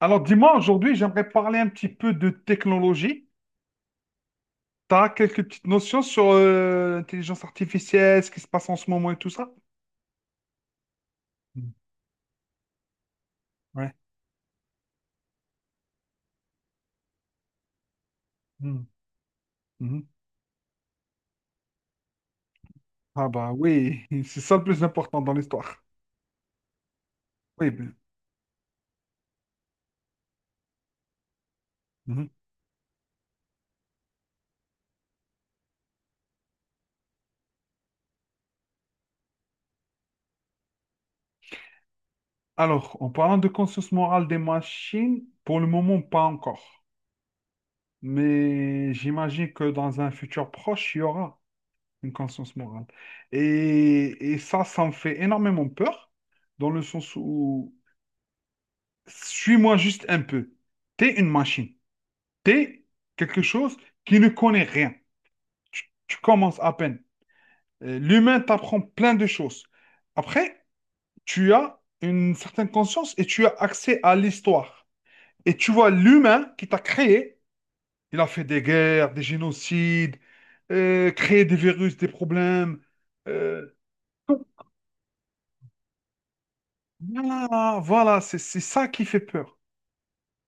Alors, dis-moi, aujourd'hui, j'aimerais parler un petit peu de technologie. Tu as quelques petites notions sur l'intelligence artificielle, ce qui se passe en ce moment et tout ça? Mm. Ouais. Mm. Mhm. Ah bah oui, c'est ça le plus important dans l'histoire. Oui, ben, mhm. Alors, en parlant de conscience morale des machines, pour le moment, pas encore. Mais j'imagine que dans un futur proche, il y aura une conscience morale. Et ça, ça me fait énormément peur, dans le sens où suis-moi juste un peu. T'es une machine. T'es quelque chose qui ne connaît rien. Tu commences à peine. L'humain t'apprend plein de choses. Après, tu as une certaine conscience et tu as accès à l'histoire. Et tu vois l'humain qui t'a créé. Il a fait des guerres, des génocides, créé des virus, des problèmes. euh, Tout. Voilà, voilà, c'est ça qui fait peur.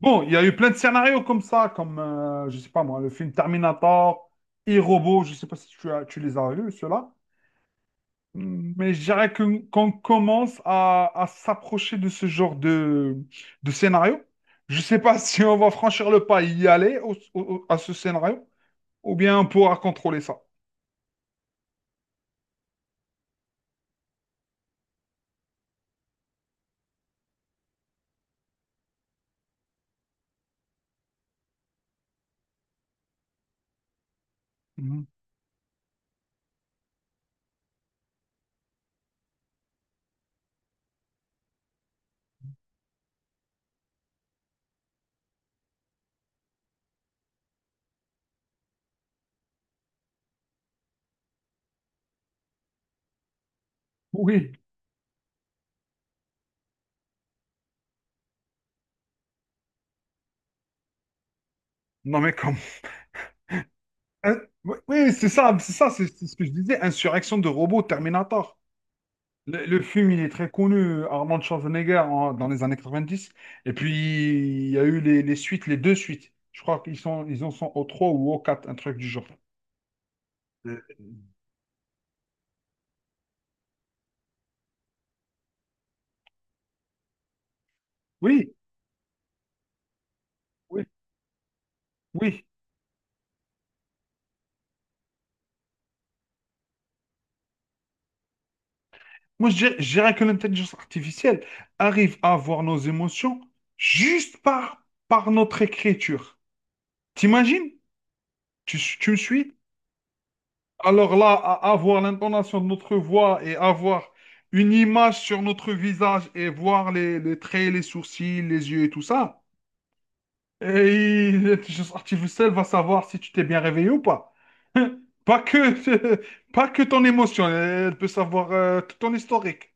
Bon, il y a eu plein de scénarios comme ça, comme, je sais pas moi, le film Terminator, et robot, je sais pas si tu as, tu les as vus, ceux-là. Mm. Mais je dirais qu'on commence à s'approcher de ce genre de scénario. Je sais pas si on va franchir le pas et y aller à ce scénario, ou bien on pourra contrôler ça. Mhm. Oui. Non mais comme… Un- Oui, oui, c'est ça, c'est ça, c'est ce que je disais, insurrection de robots Terminator. Le film, il est très connu, Armand Schwarzenegger, dans les années 90. Et puis, il y a eu les suites, les deux suites. Je crois qu'ils sont, ils en sont au 3 ou au quatre, un truc du genre. Euh, Oui, oui, oui. Moi, je dirais que l'intelligence artificielle arrive à voir nos émotions juste par, par notre écriture. T'imagines? Tu me suis? Alors là, avoir l'intonation de notre voix et avoir une image sur notre visage et voir les traits, les sourcils, les yeux et tout ça, et l'intelligence artificielle va savoir si tu t'es bien réveillé ou pas. Pas que, pas que ton émotion, elle peut savoir tout ton historique.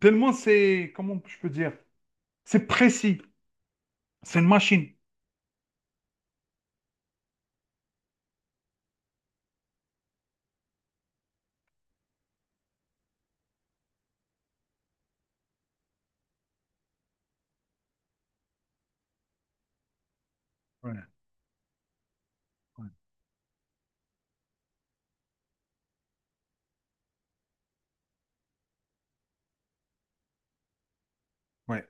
Tellement c'est, comment je peux dire, c'est précis. C'est une machine. Ouais, ouais, ouais.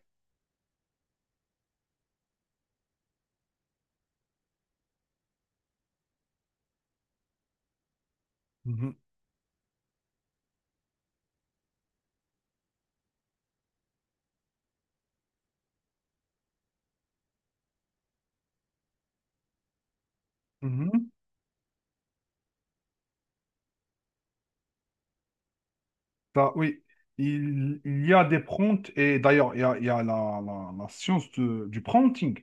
Mhm, mhm. Ça, oui, il y a des prompts, et d'ailleurs, il y a la, la science du prompting.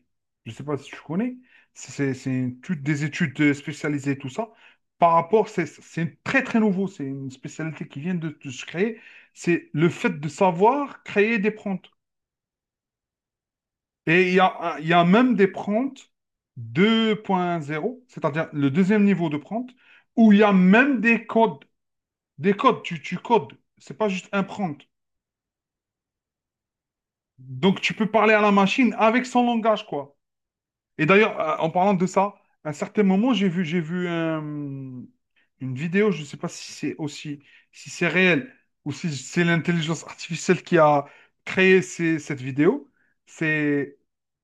Je ne sais pas si tu connais. C'est toutes des études spécialisées, tout ça. Par rapport, c'est très, très nouveau. C'est une spécialité qui vient de se créer. C'est le fait de savoir créer des prompts. Et il y a, il y a même des prompts 2.0, c'est-à-dire le deuxième niveau de prompt, où il y a même des codes. Des codes, tu codes. C'est pas juste un prompt. Donc, tu peux parler à la machine avec son langage, quoi. Et d'ailleurs, en parlant de ça, à un certain moment, j'ai vu une vidéo, je ne sais pas si c'est aussi, si c'est réel ou si c'est l'intelligence artificielle qui a créé cette vidéo. C'est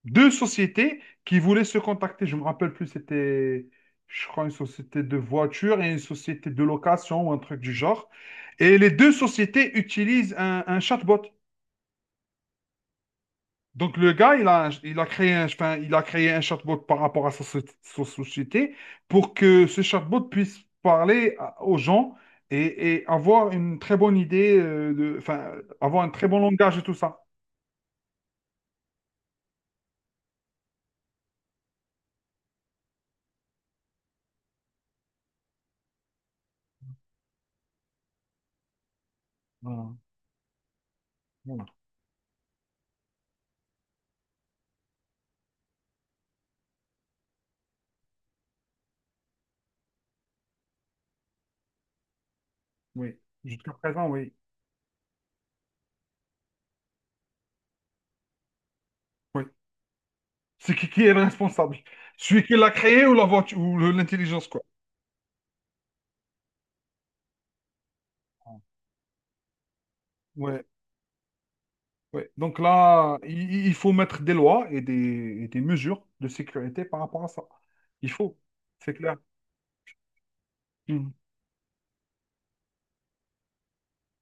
deux sociétés qui voulaient se contacter. Je me rappelle plus, c'était, je crois, une société de voitures et une société de location ou un truc du genre. Et les deux sociétés utilisent un chatbot. Donc le gars, il a créé un, enfin, il a créé un chatbot par rapport à sa, sa société pour que ce chatbot puisse parler aux gens et avoir une très bonne idée, de, enfin, avoir un très bon langage et tout ça. Voilà. Voilà. Oui, jusqu'à présent, oui. Oui. C'est qui est le responsable? Celui qui l'a créé ou la voiture ou l'intelligence, quoi. Ouais, ouais. Donc là, il faut mettre des lois et des mesures de sécurité par rapport à ça. Il faut, c'est clair. Mhm.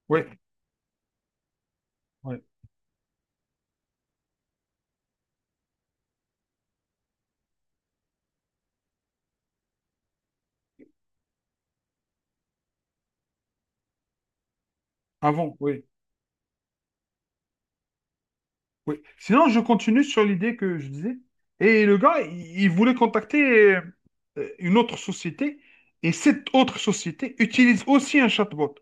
Ouais. Ouais. Avant, oui. Oui. Sinon, je continue sur l'idée que je disais. Et le gars, il voulait contacter une autre société. Et cette autre société utilise aussi un chatbot.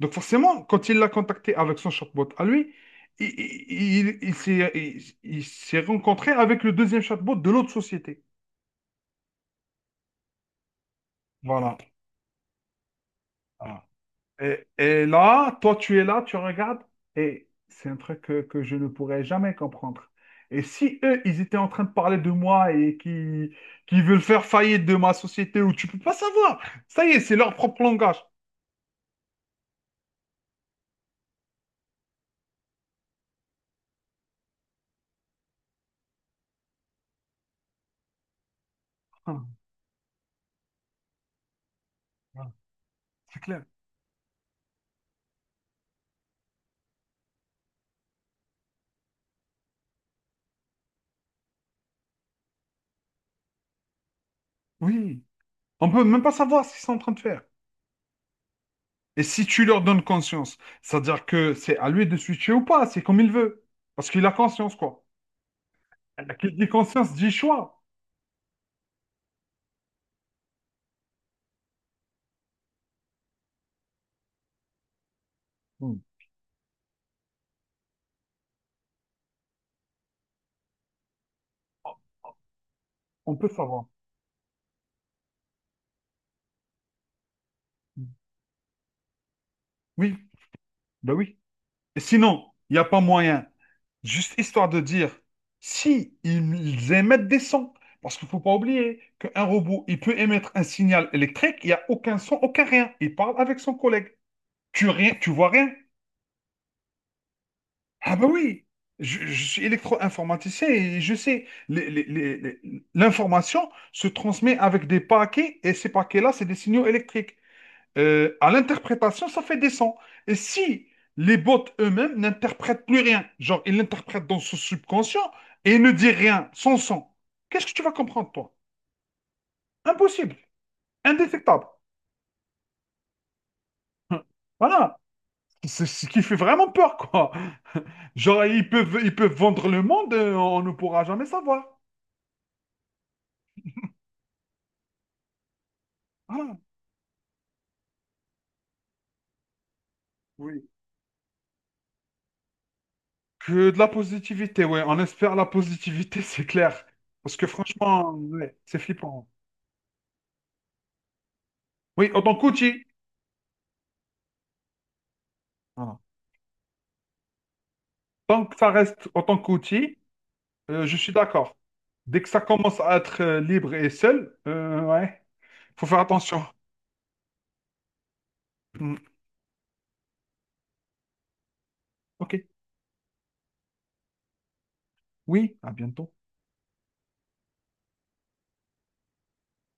Donc forcément, quand il l'a contacté avec son chatbot à lui, il s'est il s'est rencontré avec le deuxième chatbot de l'autre société. Voilà. Voilà. Et là, toi, tu es là, tu regardes, et c'est un truc que je ne pourrais jamais comprendre. Et si eux, ils étaient en train de parler de moi et qui veulent faire faillite de ma société, où tu peux pas savoir. Ça y est, c'est leur propre langage. Ah, ah, c'est clair. Oui. On peut même pas savoir ce qu'ils sont en train de faire. Et si tu leur donnes conscience, c'est-à-dire que c'est à lui de switcher ou pas, c'est comme il veut. Parce qu'il a conscience, quoi. Qui dit conscience dit choix. Hmm. On peut savoir. Hmm. Oui, ben oui. Et sinon, il n'y a pas moyen. Juste histoire de dire, si ils émettent des sons, parce qu'il ne faut pas oublier qu'un robot, il peut émettre un signal électrique, il n'y a aucun son, aucun rien. Il parle avec son collègue. Tu rien, tu vois rien. Ah ben oui, je suis électro-informaticien et je sais, l'information se transmet avec des paquets et ces paquets-là, c'est des signaux électriques à l'interprétation, ça fait des sons. Et si les bots eux-mêmes n'interprètent plus rien, genre ils l'interprètent dans son subconscient et ils ne disent rien, sans son, qu'est-ce que tu vas comprendre, toi? Impossible, indétectable. Voilà. C'est ce qui fait vraiment peur, quoi. Genre, ils peuvent vendre le monde, on ne pourra jamais savoir. Voilà. Oui. Que de la positivité, ouais. On espère la positivité, c'est clair. Parce que franchement, ouais, c'est flippant. Oui, autant tant qu'outil. Voilà. Tant que ça reste en tant qu'outil, je suis d'accord. Dès que ça commence à être libre et seul, ouais, faut faire attention. Mm. Ok, oui, à bientôt.